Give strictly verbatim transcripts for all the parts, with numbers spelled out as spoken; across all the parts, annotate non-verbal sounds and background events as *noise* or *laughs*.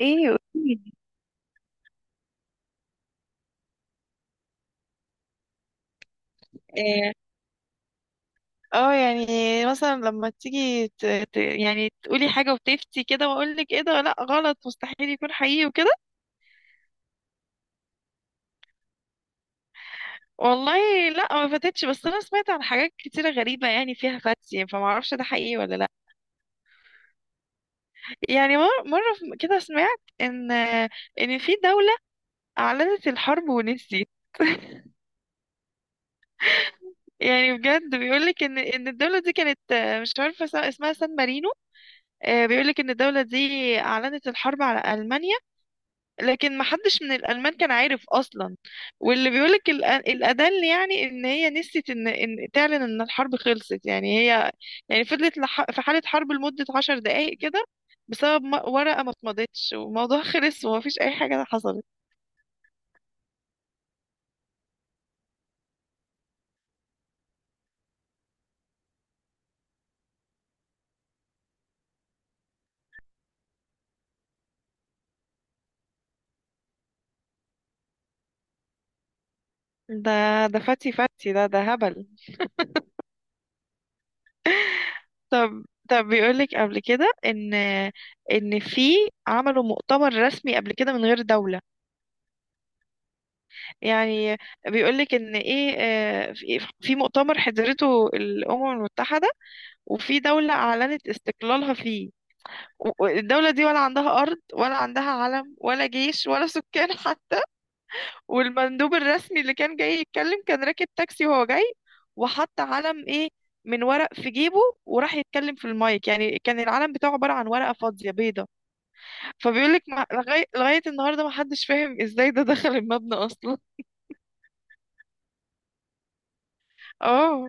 ايه قوليلي. إيه، اه يعني مثلا لما تيجي ت... ت... يعني تقولي حاجة وتفتي كده واقول لك ايه ده، لا غلط، مستحيل يكون حقيقي وكده. والله لا ما فاتتش، بس انا سمعت عن حاجات كتيرة غريبة يعني فيها فتي، فما اعرفش ده حقيقي ولا لا. يعني مر- مرة في- كده سمعت ان ان في دولة اعلنت الحرب ونسيت. *laughs* يعني بجد بيقولك ان ان الدوله دي كانت، آه، مش عارفه اسمها، سان مارينو. آه، بيقولك ان الدوله دي اعلنت الحرب على المانيا، لكن ما حدش من الألمان كان عارف أصلا. واللي بيقولك الأ- الأدل، يعني إن هي نسيت إن، إن تعلن إن الحرب خلصت. يعني هي يعني فضلت لح... في حالة حرب لمدة عشر دقايق كده، بسبب م- ورقة ما اتمضتش، والموضوع *laughs* خلص ومفيش أي حاجة حصلت. ده ده فتي فتي، ده ده هبل. طب طب بيقولك قبل كده إن، إن في، عملوا مؤتمر رسمي قبل كده من غير دولة. يعني بيقولك ان ايه، آه، في في مؤتمر حضرته الامم المتحده، وفي دوله اعلنت استقلالها فيه. و- الدوله دي ولا عندها ارض، ولا عندها علم، ولا جيش، ولا سكان حتى. والمندوب الرسمي اللي كان جاي يتكلم كان راكب تاكسي وهو جاي، وحط علم ايه، من ورق في جيبه، وراح يتكلم في المايك. يعني كان العلم بتاعه عباره عن ورقه فاضيه بيضه. فبيقولك ما- لغايه لغايه النهارده ما حدش فاهم ازاي ده دخل المبنى اصلا. *laughs* اه،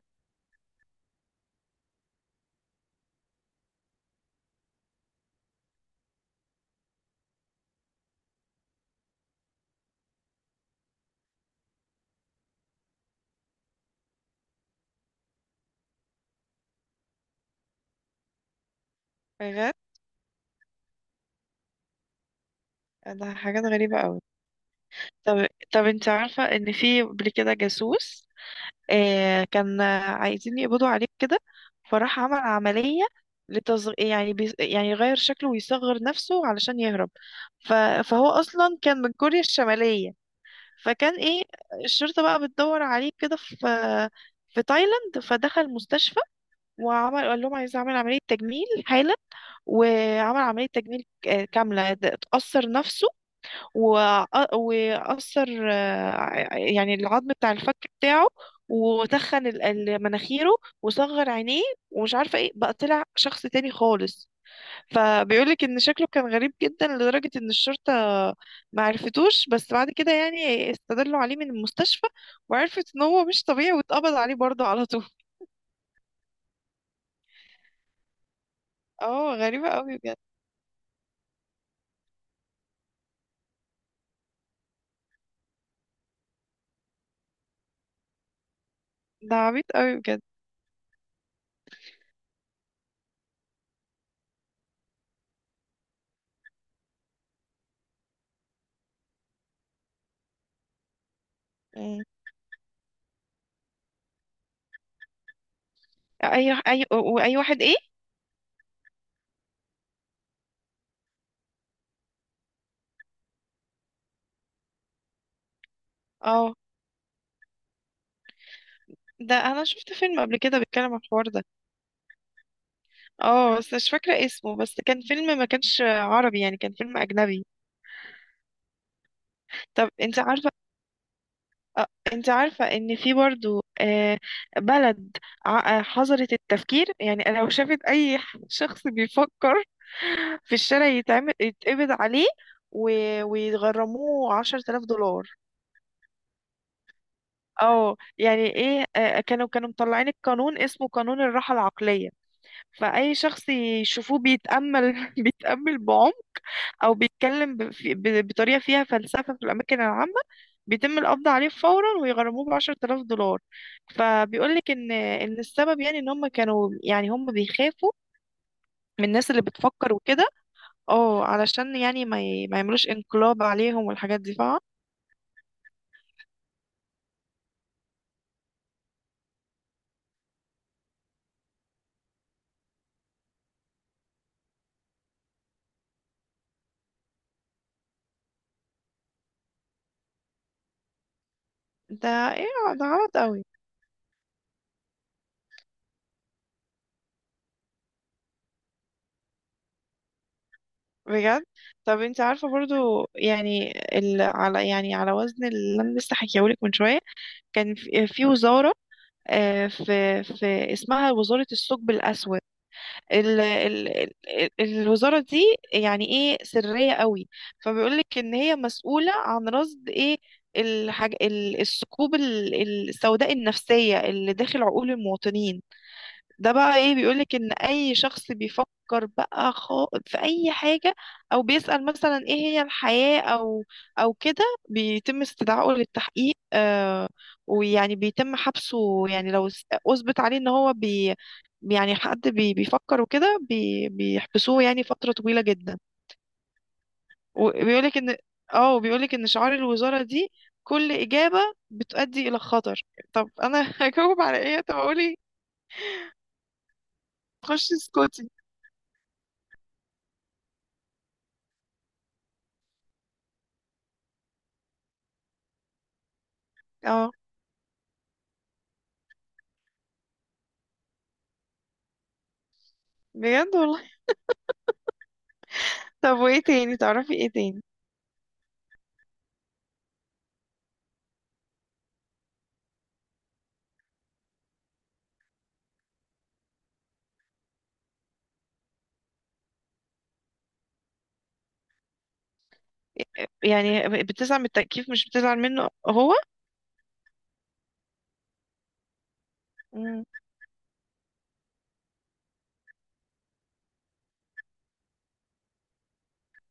ده حاجات غريبة قوي. طب طب انت عارفة ان في قبل كده جاسوس آه، كان آه، عايزين يقبضوا عليه كده، فراح عمل عملية لتصغ... يعني بي... يعني يغير شكله ويصغر نفسه علشان يهرب. ف... فهو اصلا كان من كوريا الشمالية. فكان ايه، الشرطة بقى بتدور عليه كده في، في تايلاند، فدخل مستشفى وعمل، قال لهم عايز اعمل عملية تجميل حالا. وعمل عملية تجميل آه، كاملة، ده- اتأثر نفسه، وأ- وأثر آه، ع- يعني العظم بتاع الفك بتاعه، وتخن ال- ال- مناخيره، وصغر عينيه، ومش عارفة ايه بقى، طلع شخص تاني خالص. فبيقولك ان شكله كان غريب جدا لدرجة ان الشرطة ما عرفتوش. بس بعد كده يعني استدلوا عليه من المستشفى، وعرفت ان هو مش طبيعي، واتقبض عليه برضه على طول. *laughs* اه غريبة قوي بجد. ده عبيط قوي بجد. مم. اي اي واي واحد ايه. اه، ده انا شفت فيلم قبل كده بيتكلم عن الحوار ده. اه، بس مش فاكرة اسمه، بس كان فيلم ما كانش عربي، يعني كان فيلم أجنبي. طب انت عارفة، آه، انت عارفة ان في برضو آه، بلد ع- آه، حظرت التفكير، يعني لو شافت اي *laughs* ح- شخص بيفكر في الشارع يتعمل يتقبض عليه، و- ويغرموه عشرة آلاف دولار. اه يعني ايه، آه، كانوا كانوا مطلعين القانون، اسمه قانون الراحة العقلية. فأي شخص يشوفوه بيتأمل *laughs* بيتأمل بعمق، او بيتكلم ب- في- ب- بطريقه فيها فلسفه في الاماكن العامه، بيتم القبض عليه فورا ويغرموه بعشرة آلاف دولار. فبيقول لك ان ان السبب، يعني ان هم كانوا، يعني هم بيخافوا من الناس اللي بتفكر وكده. اه علشان يعني ما ي... ما يعملوش انقلاب عليهم والحاجات دي، فاهمة. ده ايه، ده غلط قوي. بجد. طب انت عارفه برضو يعني ال... على، يعني على وزن اللي انا لسه حكيهولك من شويه، كان في في وزاره، آه، في في اسمها وزاره الثقب الاسود. ال ال ال الوزارة دي يعني ايه سرية قوي. فبيقولك ان هي مسؤولة عن رصد ايه، الحاج ال- الثقوب ال- السوداء النفسية اللي داخل عقول المواطنين. ده بقى ايه، بيقولك ان اي شخص بيفكر بقى خا- في اي حاجة، او بيسأل مثلا ايه هي الحياة، او او كده، بيتم استدعائه للتحقيق آه، ويعني بيتم حبسه، يعني لو اس- اثبت عليه ان هو بي يعني حد بي بيفكر وكده، بي بيحبسوه يعني فترة طويلة جدا. وبيقولك ان اه، وبيقولك ان شعار الوزارة دي، كل إجابة بتؤدي إلى خطر. طب أنا *laughs* هجاوب على إيه؟ طب أقولي. خشي اسكتي. اه بجد والله. طب وايه تاني تعرفي ايه تاني. يعني بتزعل من التكييف مش بتزعل منه هو. مم.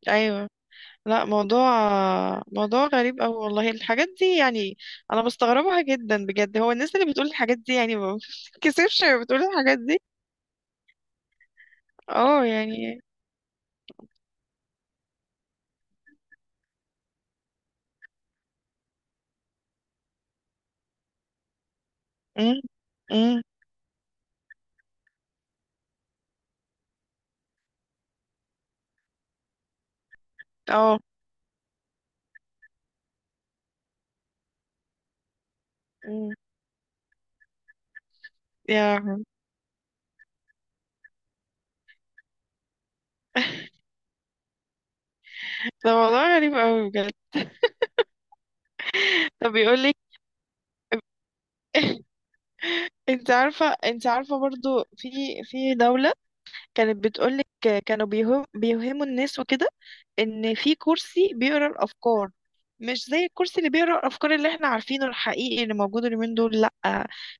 ايوه. لا، موضوع موضوع غريب أوي والله، الحاجات دي يعني انا بستغربها جدا بجد. هو الناس اللي بتقول الحاجات دي يعني ما بتتكسفش *laughs* بتقول الحاجات دي. اه يعني. امم. امم. اه. مم. يا لهوي. ده موضوع غريب أوي بجد. طب بيقول لك، انت عارفه انت عارفه برضو في في دوله كانت بتقول لك، كانوا بيهم بيوهموا الناس وكده ان في كرسي بيقرا الافكار. مش زي الكرسي اللي بيقرا الافكار اللي احنا عارفينه الحقيقي اللي موجود اليومين دول، لا،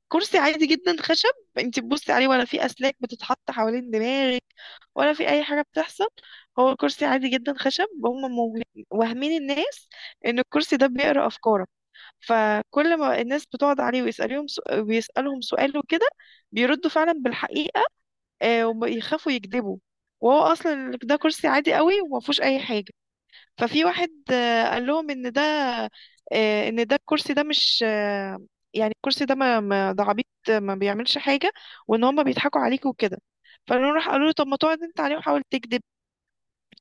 كرسي عادي جدا خشب. انت تبصي عليه، ولا في اسلاك بتتحط حوالين دماغك، ولا في اي حاجه بتحصل، هو كرسي عادي جدا خشب. هم مو- واهمين الناس ان الكرسي ده بيقرا افكارك. فكل ما الناس بتقعد عليه ويسالهم سؤ- ويسالهم سؤال وكده، بيردوا فعلا بالحقيقه، آه، وبيخافوا يكذبوا. وهو اصلا ده كرسي عادي قوي وما فيهوش اي حاجه. ففي واحد آه، قال لهم ان ده، آه، ان ده الكرسي ده مش آه، يعني الكرسي ده ما ما- ده عبيط آه، ما بيعملش حاجه، وان هم بيضحكوا عليك وكده. فقالوا، راح قالوا له طب ما تقعد انت عليه وحاول تكذب.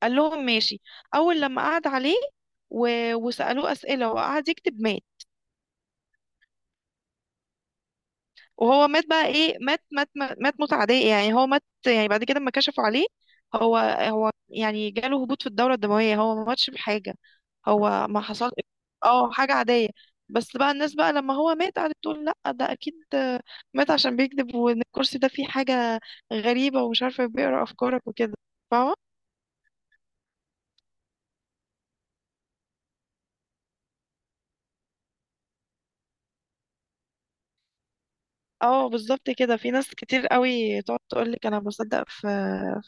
قال لهم ماشي. اول لما قعد عليه و... وسالوه اسئله وقعد يكذب، مات. وهو مات بقى ايه، مات مات مات, مات موتة عادية. يعني هو مات يعني بعد كده لما كشفوا عليه، هو هو يعني جاله هبوط في الدورة الدموية، هو ما ماتش بحاجة. هو ما حصل، اه حاجة عادية. بس بقى الناس بقى لما هو مات قعدت تقول لا، ده اكيد مات عشان بيكذب، وان الكرسي ده فيه حاجة غريبة ومش عارفة بيقرا افكارك وكده، فاهمة. اه بالظبط كده، في ناس كتير قوي تقعد تقول لك انا بصدق في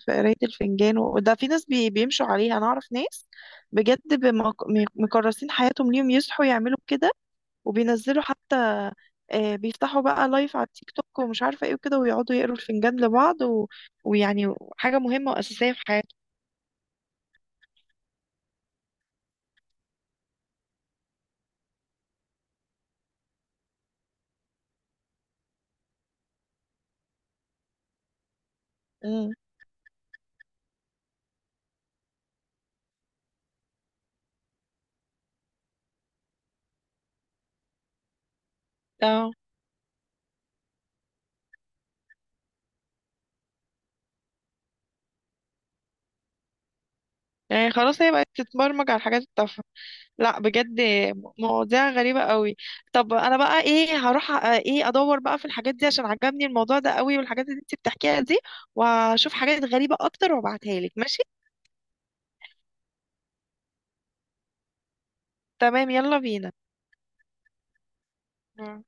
في قرايه الفنجان، وده في ناس بي بيمشوا عليها. انا اعرف ناس بجد بمك- م- مكرسين حياتهم ليهم، يصحوا يعملوا كده، وبينزلوا حتى آه، بيفتحوا بقى لايف على التيك توك ومش عارفه ايه وكده، ويقعدوا يقروا الفنجان لبعض و... ويعني حاجه مهمه واساسيه في حياتهم. امم. اه يعني خلاص هي بقت تتبرمج على الحاجات التافهه. لا بجد. مواضيع غريبة قوي. طب انا بقى ايه، هروح أ- ايه ادور بقى في الحاجات دي عشان عجبني الموضوع ده قوي والحاجات اللي انت بتحكيها دي، واشوف حاجات غريبة اكتر وابعتها لك ماشي. تمام يلا بينا. مم.